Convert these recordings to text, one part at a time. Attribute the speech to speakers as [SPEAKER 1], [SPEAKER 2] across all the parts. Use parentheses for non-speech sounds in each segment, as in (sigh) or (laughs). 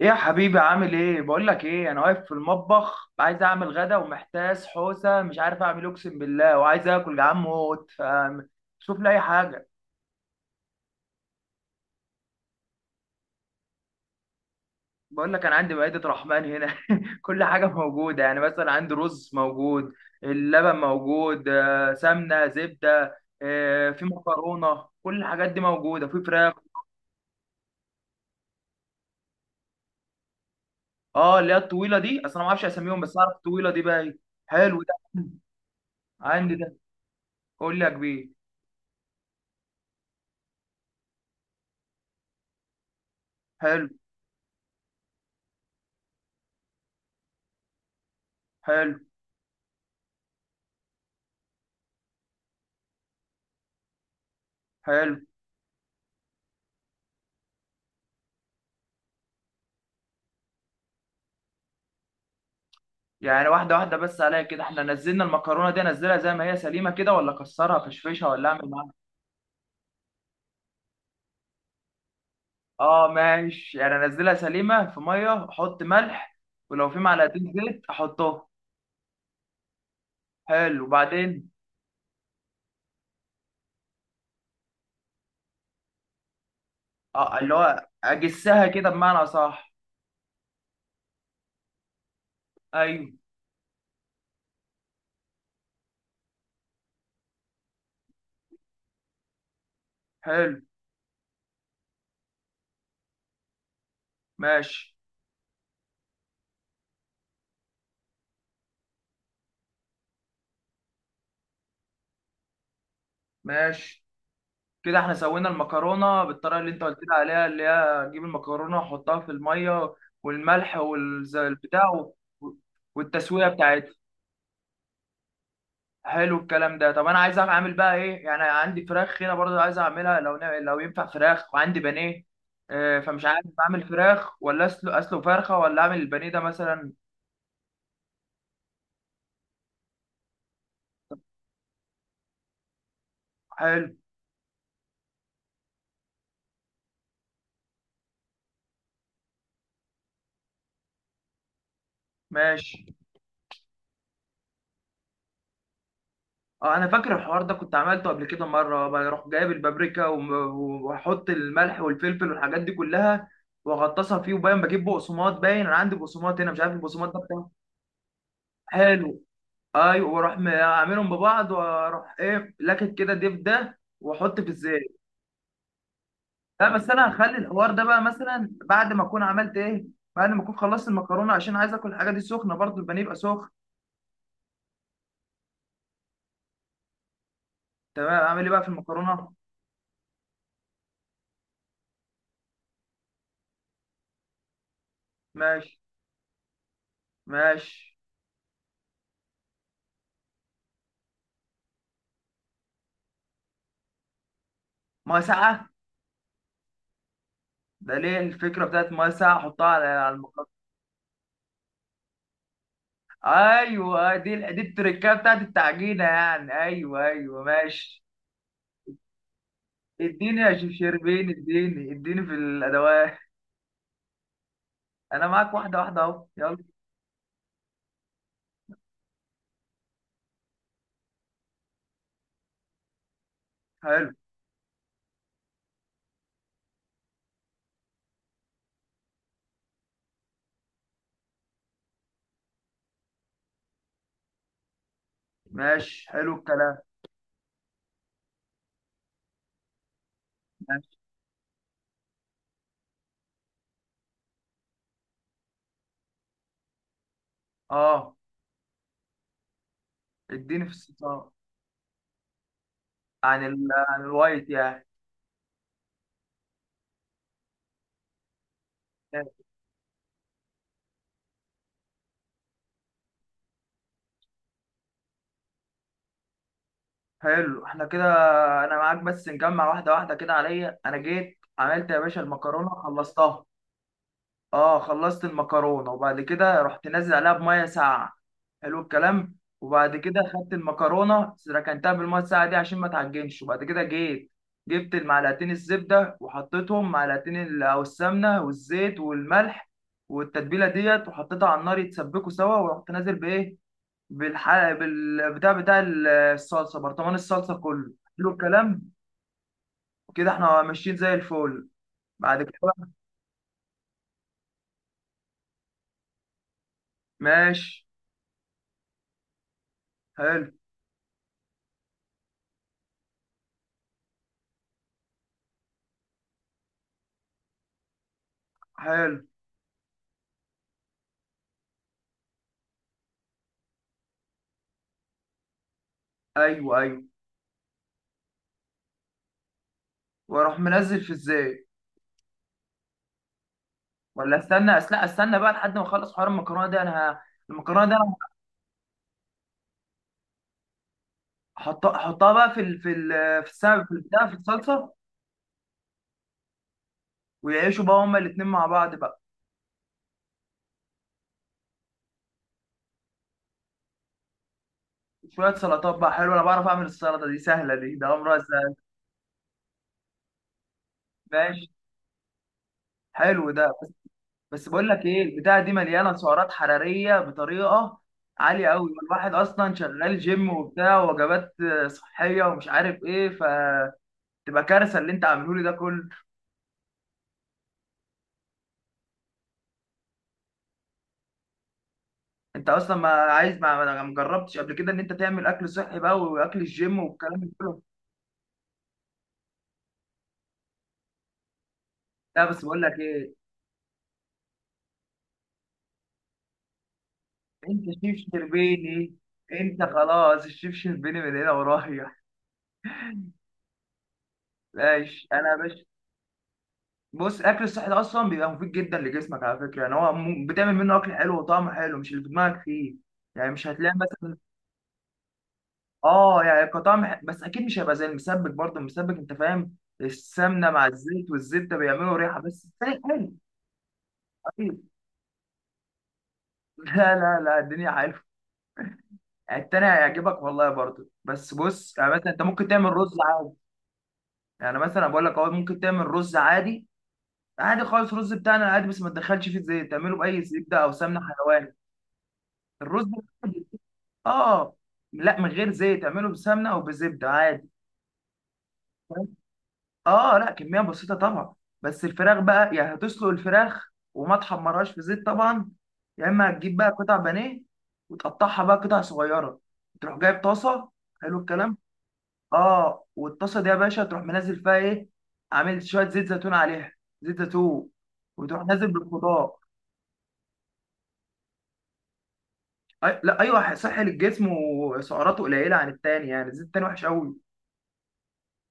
[SPEAKER 1] ايه يا حبيبي؟ عامل ايه؟ بقول لك ايه، انا واقف في المطبخ عايز اعمل غدا ومحتاس حوسه مش عارف اعمل إيه، اقسم بالله وعايز اكل جعان موت ف شوف لي اي حاجه. بقول لك انا عندي مائده رحمن هنا (laughs) كل حاجه موجوده، يعني مثلا عندي رز موجود، اللبن موجود، سمنه زبده، في مكرونه، كل الحاجات دي موجوده، في فراخ. اه اللي هي الطويله دي اصلا ما اعرفش اسميهم، بس اعرف الطويله دي بقى إيه. حلو ده. عندي ده. قول لي يا كبير. حلو. حلو. حلو. يعني واحدة واحدة بس عليا كده، احنا نزلنا المكرونة دي انزلها زي ما هي سليمة كده، ولا اكسرها فشفشها، ولا اعمل معاها؟ اه ماشي، يعني انزلها سليمة في مية احط ملح، ولو في معلقتين زيت احطهم. حلو، وبعدين؟ اه اللي هو اجسها كده بمعنى صح؟ ايوه. حلو. ماشي. ماشي. كده احنا سوينا المكرونة بالطريقة اللي انت قلت لي عليها، اللي هي اجيب المكرونة واحطها في المية والملح والبتاع والتسوية بتاعتها. حلو الكلام ده. طب انا عايز اعمل بقى ايه؟ يعني عندي فراخ هنا برضه عايز اعملها، لو لو ينفع فراخ، وعندي بانيه فمش عارف اعمل فراخ، ولا اسلق فرخه، ولا اعمل البانيه ده مثلا. حلو. ماشي. اه انا فاكر الحوار ده، كنت عملته قبل كده مره، بروح جايب البابريكا واحط الملح والفلفل والحاجات دي كلها واغطسها فيه، وباين بجيب بقسماط، باين انا عندي بقسماط هنا، مش عارف البقسماط ده بتاعه. حلو. ايوه، واروح اعملهم ببعض، واروح ايه لكت كده ديب ده واحط في الزيت. لا بس انا هخلي الحوار ده بقى مثلا بعد ما اكون عملت ايه، بعد ما اكون خلصت المكرونه، عشان عايز اكل الحاجه دي سخنه، برضو البانيه يبقى سخن. تمام، اعمل ايه بقى في المكرونه؟ ماشي. ماشي. ميه ساقعه؟ ده ليه الفكره بتاعت ميه ساقعه احطها على المكرونه؟ ايوه، دي التركه بتاعت التعجينه يعني. ايوه. ايوه، ماشي. اديني يا شيف شربين، اديني اديني في الادوات. انا معاك واحده واحده اهو يلا. حلو. ماشي. حلو الكلام. ماشي. اه اديني في الصوصات. عن الوايت يعني؟ حلو، احنا كده. انا معاك بس نجمع واحده واحده كده عليا، انا جيت عملت يا باشا المكرونه خلصتها. اه خلصت المكرونه، وبعد كده رحت نازل عليها بميه ساقعه. حلو الكلام. وبعد كده خدت المكرونه ركنتها بالميه الساقعه دي عشان ما تعجنش، وبعد كده جيت جبت المعلقتين الزبده وحطيتهم معلقتين او السمنه والزيت والملح، والتتبيله ديت وحطيتها على النار يتسبكوا سوا، ورحت نازل بايه، بالحلقة بالبتاع بتاع الصلصة، برطمان الصلصة كله. حلو الكلام. كده احنا ماشيين زي الفل. بعد كده ماشي. حلو. حلو. ايوه. ايوه، واروح منزل في ازاي؟ ولا استنى لا استنى بقى لحد ما اخلص حوار المكرونة دي، انا المكرونة دي انا هحطها احطها بقى في السمك في البتاع في الصلصة. ويعيشوا بقى هما الاتنين مع بعض بقى. شوية سلطات بقى. حلو، انا بعرف اعمل السلطة دي، سهلة دي، ده امرها سهل. ماشي. حلو ده. بس بقول لك ايه، البتاعه دي مليانه سعرات حراريه بطريقه عاليه قوي، الواحد اصلا شغال جيم وبتاع وجبات صحيه ومش عارف ايه، فتبقى كارثه اللي انت عامله لي ده كله. انت اصلا ما عايز ما جربتش قبل كده ان انت تعمل اكل صحي بقى، واكل الجيم والكلام ده كله؟ لا بس بقول لك ايه، انت شيف شربيني. انت خلاص الشيف شربيني من هنا ورايح. ماشي انا يا باشا. بص الاكل الصحي ده اصلا بيبقى مفيد جدا لجسمك على فكره، يعني هو بتعمل منه اكل حلو وطعمه حلو، مش اللي في دماغك فيه. يعني مش هتلاقي مثلا. اه يعني كطعم بس اكيد مش هيبقى زي المسبك برضه، المسبك انت فاهم، السمنه مع الزيت والزبده بيعملوا ريحه، بس التاني حلو. أكيد. (laughs) لا لا لا، الدنيا حلوه. التاني هيعجبك والله برضه، بس بص يعني مثلا انت ممكن تعمل رز عادي. يعني مثلا بقول لك اهو ممكن تعمل رز عادي، عادي خالص، الرز بتاعنا عادي بس ما تدخلش فيه زيت، تعمله باي زبده او سمنه حيواني. الرز. اه. لا من غير زيت، اعمله بسمنه او بزبده عادي. اه، لا، كميه بسيطه طبعا. بس الفراخ بقى يعني هتسلق الفراخ، وما تحمرهاش في زيت طبعا. يا اما هتجيب بقى قطع بانيه، وتقطعها بقى قطع صغيره، تروح جايب طاسه. حلو الكلام. اه والطاسه دي يا باشا تروح منزل فيها ايه، عامل شويه زيت زيتون عليها، زيت زيتون، وتروح نازل بالخضار. لا ايوه، صحي للجسم وسعراته قليله عن التاني، يعني الزيت التاني وحش قوي.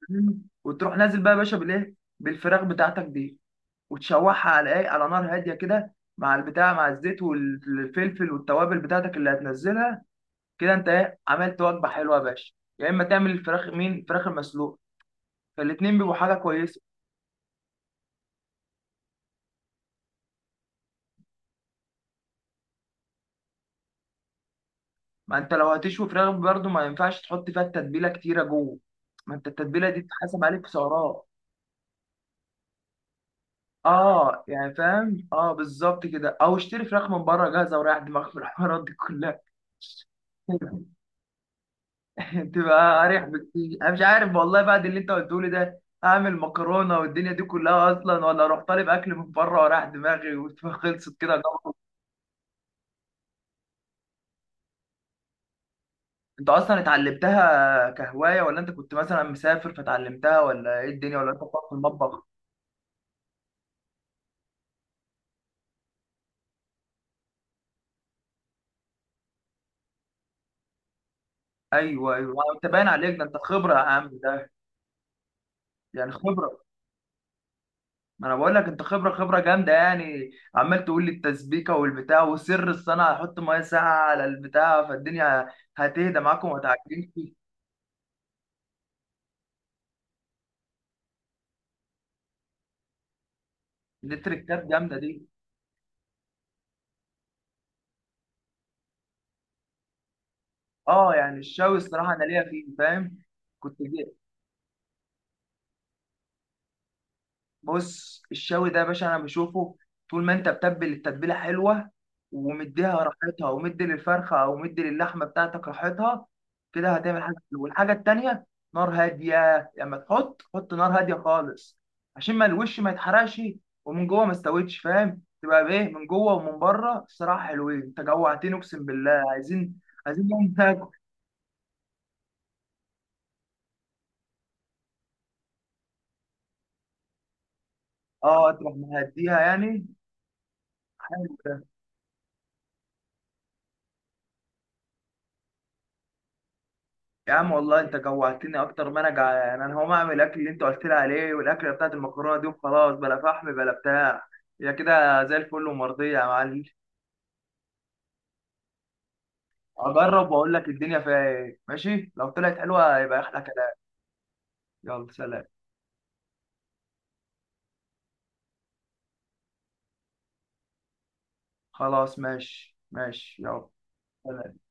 [SPEAKER 1] وتروح نازل بقى يا باشا بالايه، بالفراخ بتاعتك دي، وتشوحها على ايه، على نار هاديه كده مع البتاع، مع الزيت والفلفل والتوابل بتاعتك اللي هتنزلها. كده انت ايه، عملت وجبه حلوه يا باشا. يا اما تعمل الفراخ مين الفراخ المسلوقه، فالاتنين بيبقوا حاجه كويسه. ما انت لو هتشوي فراخ برضه ما ينفعش تحط فيها التتبيله كتيره جوه، ما انت التتبيله دي بتتحسب عليك في سعرات. اه يعني فاهم، اه بالظبط كده، او اشتري فراخ من بره جاهزه وريح دماغك من الحوارات دي كلها. (laughs) (laughs) تبقى اريح بكتير، انا مش عارف والله بعد اللي انت قلته لي ده، اعمل مكرونه والدنيا دي كلها، اصلا ولا اروح طالب اكل من بره وراح دماغي وخلصت (laughs) كده جبر. انت اصلا اتعلمتها كهوايه، ولا انت كنت مثلا مسافر فتعلمتها، ولا ايه الدنيا، ولا انت بتقف في المطبخ؟ ايوه. ايوه، انت باين عليك ده، انت خبره يا عم ده. يعني خبره. ما انا بقول لك انت خبره خبره جامده، يعني عمال تقول لي التسبيكه والبتاع وسر الصنعه، هحط ميه ساقعه على البتاع فالدنيا هتهدى معاكم وما تعجنش. دي تريكات جامده دي. اه يعني الشاوي الصراحه انا ليا فيه فاهم، كنت جي. بص الشاوي ده يا باشا انا بشوفه طول ما انت بتبل التتبيله حلوه، ومديها راحتها ومدي للفرخه او مدي للحمه بتاعتك راحتها، كده هتعمل حاجه حلوة. والحاجه التانيه، نار هاديه، لما تحط حط نار هاديه خالص عشان ما الوش ما يتحرقش ومن جوه ما استويتش، فاهم، تبقى بايه من جوه ومن بره. الصراحه حلوين، انت جوعتني اقسم بالله، عايزين نقوم ناكل. اه تروح مهديها يعني. حلو ده. يا عم والله انت جوعتني اكتر ما انا جعان، انا هقوم اعمل الاكل اللي انت قلت لي عليه، والاكله بتاعت المكرونه دي، وخلاص بلا فحم بلا بتاع. هي كده زي الفل ومرضيه يا معلم. اجرب واقول لك الدنيا فيها ايه، ماشي لو طلعت حلوه يبقى احلى كلام. يلا سلام. خلاص، ماشي ماشي، يلا سلام.